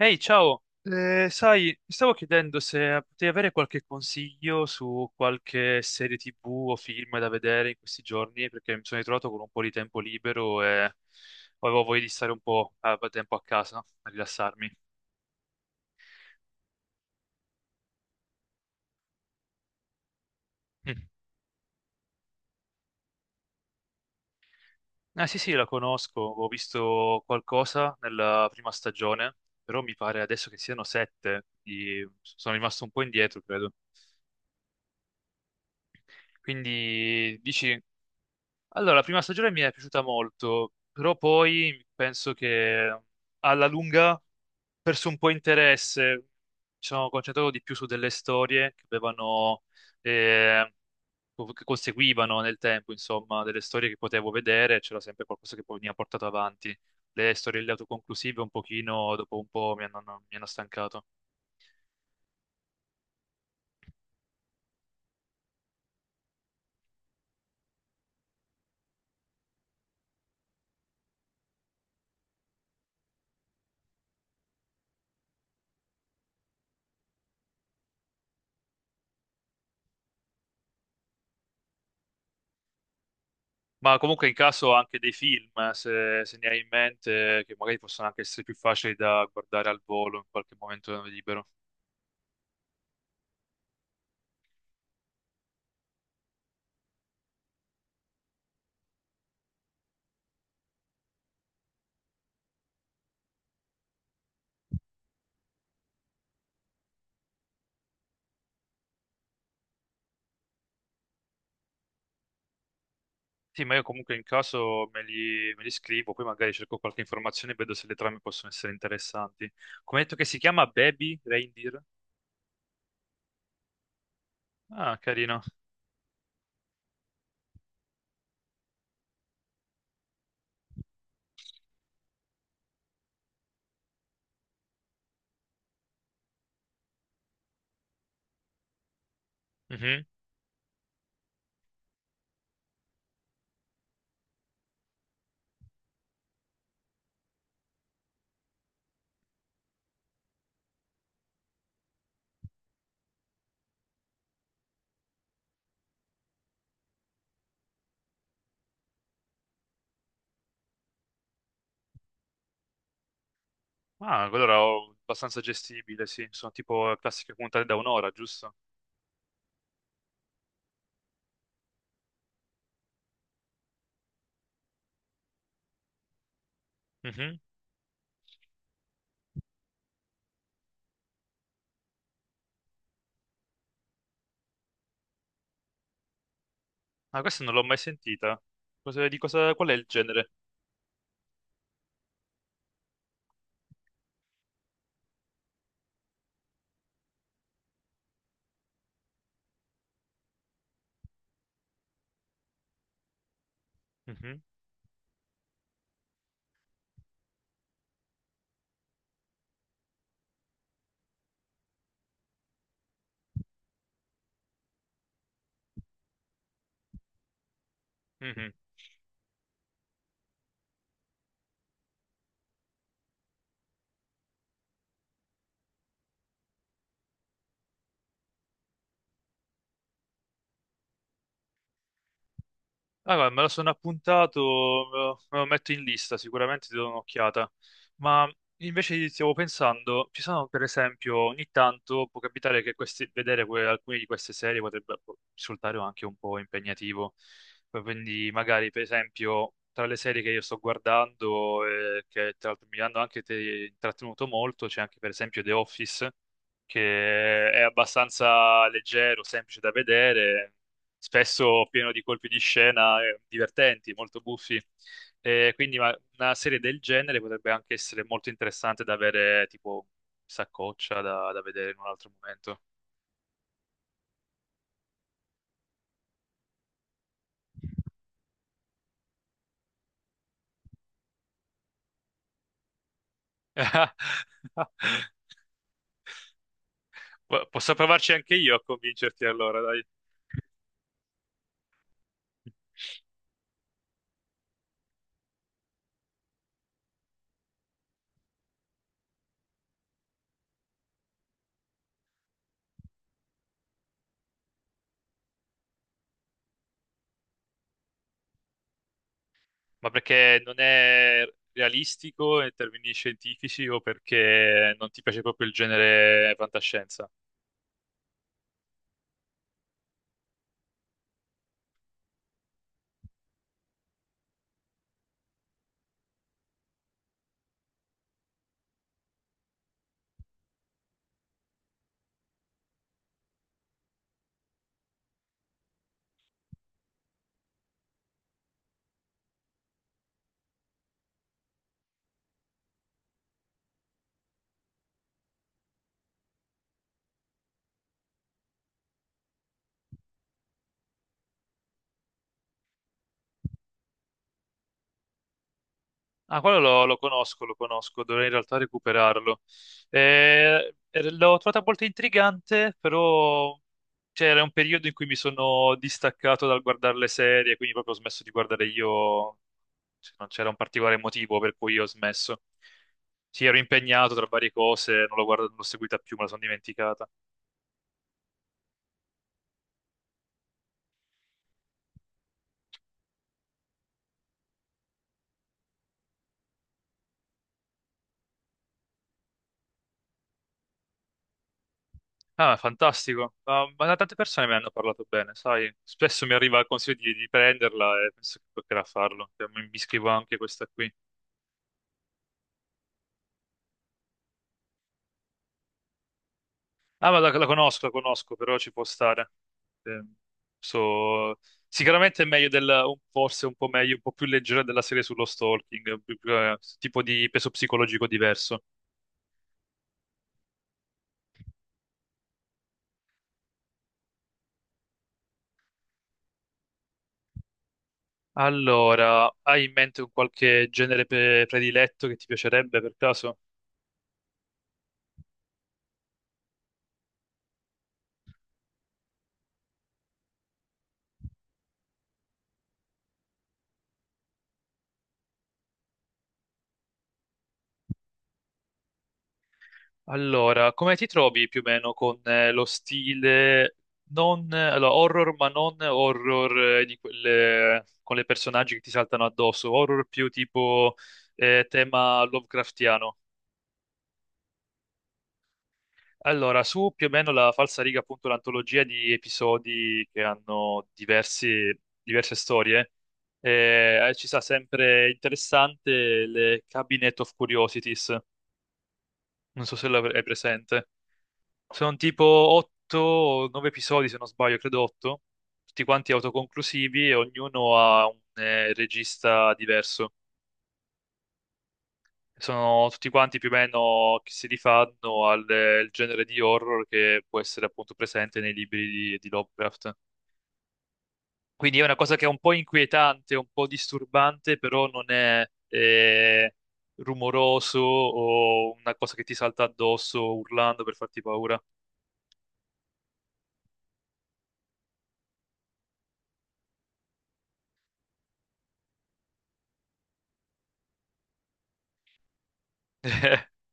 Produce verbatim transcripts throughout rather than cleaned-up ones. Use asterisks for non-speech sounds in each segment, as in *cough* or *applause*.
Ehi, ciao! Eh, sai, mi stavo chiedendo se potevi avere qualche consiglio su qualche serie ti vu o film da vedere in questi giorni, perché mi sono ritrovato con un po' di tempo libero e avevo voglia di stare un po' a a tempo a casa, no? A rilassarmi. Mm. Ah, sì, sì, la conosco, ho visto qualcosa nella prima stagione, però mi pare adesso che siano sette, quindi sono rimasto un po' indietro, credo. Quindi dici, allora, la prima stagione mi è piaciuta molto, però poi penso che alla lunga ho perso un po' interesse. Mi sono concentrato di più su delle storie che avevano, eh, che conseguivano nel tempo, insomma, delle storie che potevo vedere, c'era sempre qualcosa che poi mi ha portato avanti. Le storie autoconclusive un pochino, dopo un po' mi hanno mi hanno stancato. Ma comunque in caso anche dei film, eh, se, se ne hai in mente, che magari possono anche essere più facili da guardare al volo in qualche momento libero. Sì, ma io comunque in caso me li, me li scrivo, poi magari cerco qualche informazione e vedo se le trame possono essere interessanti. Come hai detto che si chiama Baby Reindeer? Ah, carino. Mhm. Ah, allora ho abbastanza gestibile, sì. Sono tipo classiche puntate da un'ora, giusto? Mhm. Ah, questa non l'ho mai sentita. Cosa- di cosa, qual è il genere? Mhm. Mhm. Ah, guarda, me lo sono appuntato, me lo, me lo metto in lista, sicuramente ti do un'occhiata. Ma invece stavo pensando, ci sono per esempio, ogni tanto può capitare che questi- vedere que- alcune di queste serie potrebbe, boh, risultare anche un po' impegnativo. Quindi magari, per esempio, tra le serie che io sto guardando, e che tra l'altro mi hanno anche te- intrattenuto molto, c'è anche per esempio The Office, che è abbastanza leggero, semplice da vedere, spesso pieno di colpi di scena, eh, divertenti, molto buffi. Eh, quindi ma- una serie del genere potrebbe anche essere molto interessante da avere tipo saccoccia da, da vedere in un altro momento. *laughs* Po- Posso provarci anche io a convincerti allora, dai. Ma perché non è realistico in termini scientifici o perché non ti piace proprio il genere fantascienza? Ah, quello lo, lo conosco, lo conosco, dovrei in realtà recuperarlo. Eh, er- l'ho trovata molto intrigante, però c'era un periodo in cui mi sono distaccato dal guardare le serie, quindi proprio ho smesso di guardare io, cioè, non c'era un particolare motivo per cui ho smesso. Sì, ero impegnato tra varie cose, non l'ho guarda- non l'ho seguita più, me la sono dimenticata. Ah, fantastico. Ma, ma tante persone me ne hanno parlato bene, sai? Spesso mi arriva il consiglio di, di prenderla e penso che toccherà farlo. Cioè, mi mi iscrivo anche a questa qui. Ah, ma la, la conosco, la conosco, però ci può stare. Eh, so- Sicuramente è meglio del, un- forse un po' meglio, un po' più leggera della serie sullo stalking, più- più, eh, tipo di peso psicologico diverso. Allora, hai in mente un qualche genere pe- prediletto che ti piacerebbe per caso? Allora, come ti trovi più o meno con, eh, lo stile non, eh, allora, horror, ma non horror, eh, di quelle, con le personaggi che ti saltano addosso, horror più tipo, eh, tema Lovecraftiano. Allora, su più o meno la falsariga, appunto, l'antologia di episodi che hanno diversi- diverse storie, eh, ci sta sempre interessante le Cabinet of Curiosities. Non so se l'hai presente. Sono tipo otto o nove episodi, se non sbaglio, credo otto, tutti quanti autoconclusivi e ognuno ha un, eh, regista diverso. Sono tutti quanti più o meno che si rifanno al, eh, il genere di horror che può essere appunto presente nei libri di, di Lovecraft. Quindi è una cosa che è un po' inquietante, un po' disturbante, però non è, eh, rumoroso o una cosa che ti salta addosso urlando per farti paura. *laughs*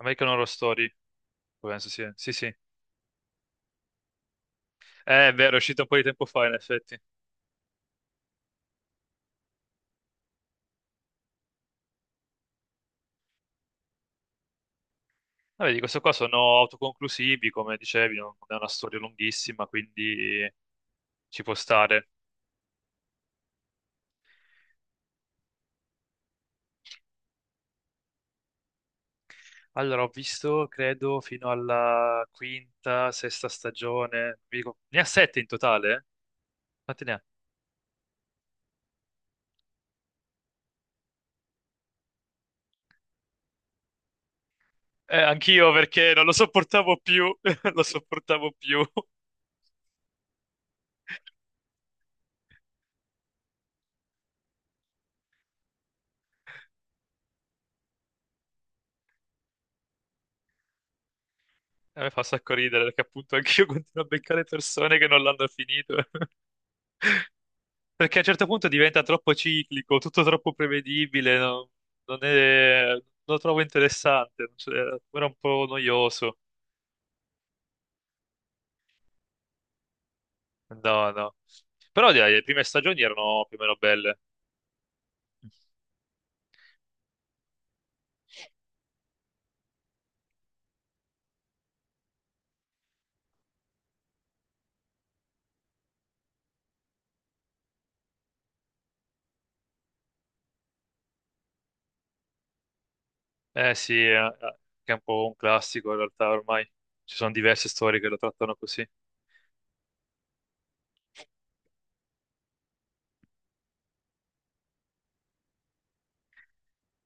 American Horror Story. Penso sì, sì, sì. Eh, è vero, è uscito un po' di tempo fa, in effetti. Vabbè, di questo qua sono autoconclusivi, come dicevi, non non è una storia lunghissima, quindi ci può stare. Allora, ho visto, credo, fino alla quinta, sesta stagione. Vi dico- ne ha sette in totale? Quanti ne ha? Eh, anch'io perché non lo sopportavo più, *laughs* lo sopportavo più. *laughs* A me fa un sacco ridere perché appunto anch'io *laughs* continuo a beccare persone che non l'hanno finito. Perché a un certo punto diventa troppo ciclico, tutto troppo prevedibile, no? Non è, non lo trovo interessante, cioè, era un po' noioso. No, no. Però dai, le prime stagioni erano più o meno belle. Eh, sì, eh, eh, che è un po' un classico in realtà ormai. Ci sono diverse storie che lo trattano così.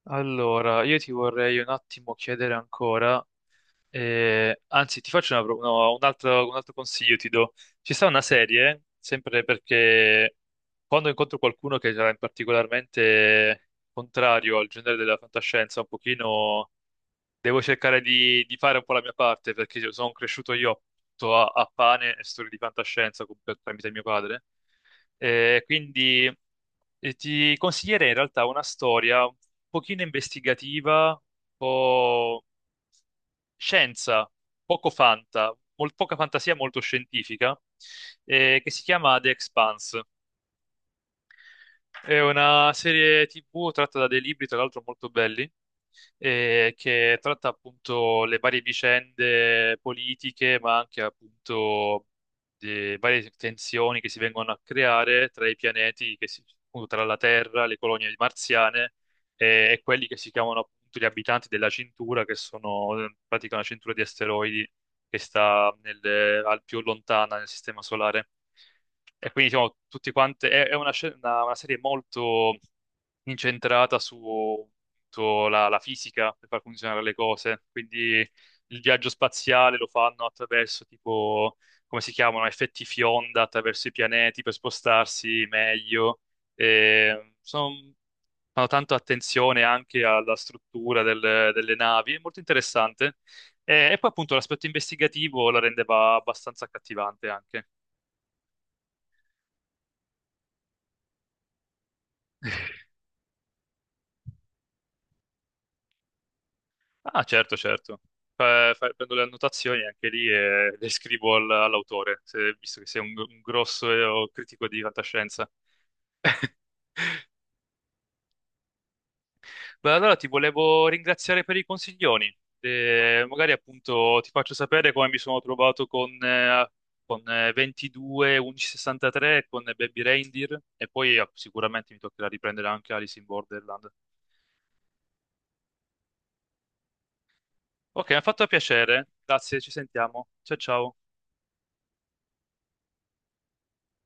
Allora, io ti vorrei un attimo chiedere ancora, eh, anzi, ti faccio una pro- no, un altro, un altro consiglio, ti do. Ci sta una serie, sempre perché quando incontro qualcuno che è particolarmente contrario al genere della fantascienza, un pochino devo cercare di, di fare un po' la mia parte, perché io sono cresciuto io tutto a, a pane e storie di fantascienza con- per- tramite mio padre. Eh, quindi eh, ti consiglierei in realtà una storia un pochino investigativa, un po' scienza, poco fanta, mol- poca fantasia, molto scientifica, eh, che si chiama The Expanse. È una serie ti vu tratta da dei libri, tra l'altro molto belli, eh, che tratta appunto le varie vicende politiche, ma anche appunto le varie tensioni che si vengono a creare tra i pianeti, che si- appunto, tra la Terra, le colonie marziane e, e quelli che si chiamano appunto gli abitanti della cintura, che sono, eh, in pratica una cintura di asteroidi che sta nel- al più lontana nel sistema solare. E quindi diciamo, tutti quanti, è, è una, scena- una- una serie molto incentrata su, sulla la fisica per far funzionare le cose, quindi il viaggio spaziale lo fanno attraverso, tipo, come si chiamano, effetti fionda attraverso i pianeti per spostarsi meglio. E sono, fanno tanto attenzione anche alla struttura delle, delle navi, è molto interessante. E, e poi appunto l'aspetto investigativo la rendeva abbastanza accattivante anche. *laughs* Ah, certo, certo. Fa- fa- prendo le annotazioni anche lì e le scrivo al- all'autore, se- visto che sei un, un grosso, eh, critico di fantascienza. Beh, allora ti volevo ringraziare per i consiglioni. Eh, magari appunto ti faccio sapere come mi sono trovato con, eh, con, eh, ventidue, undici sessantatré, con Baby Reindeer e poi, ah, sicuramente mi toccherà riprendere anche Alice in Borderland. Ok, mi ha fatto piacere. Grazie, ci sentiamo. Ciao, ciao.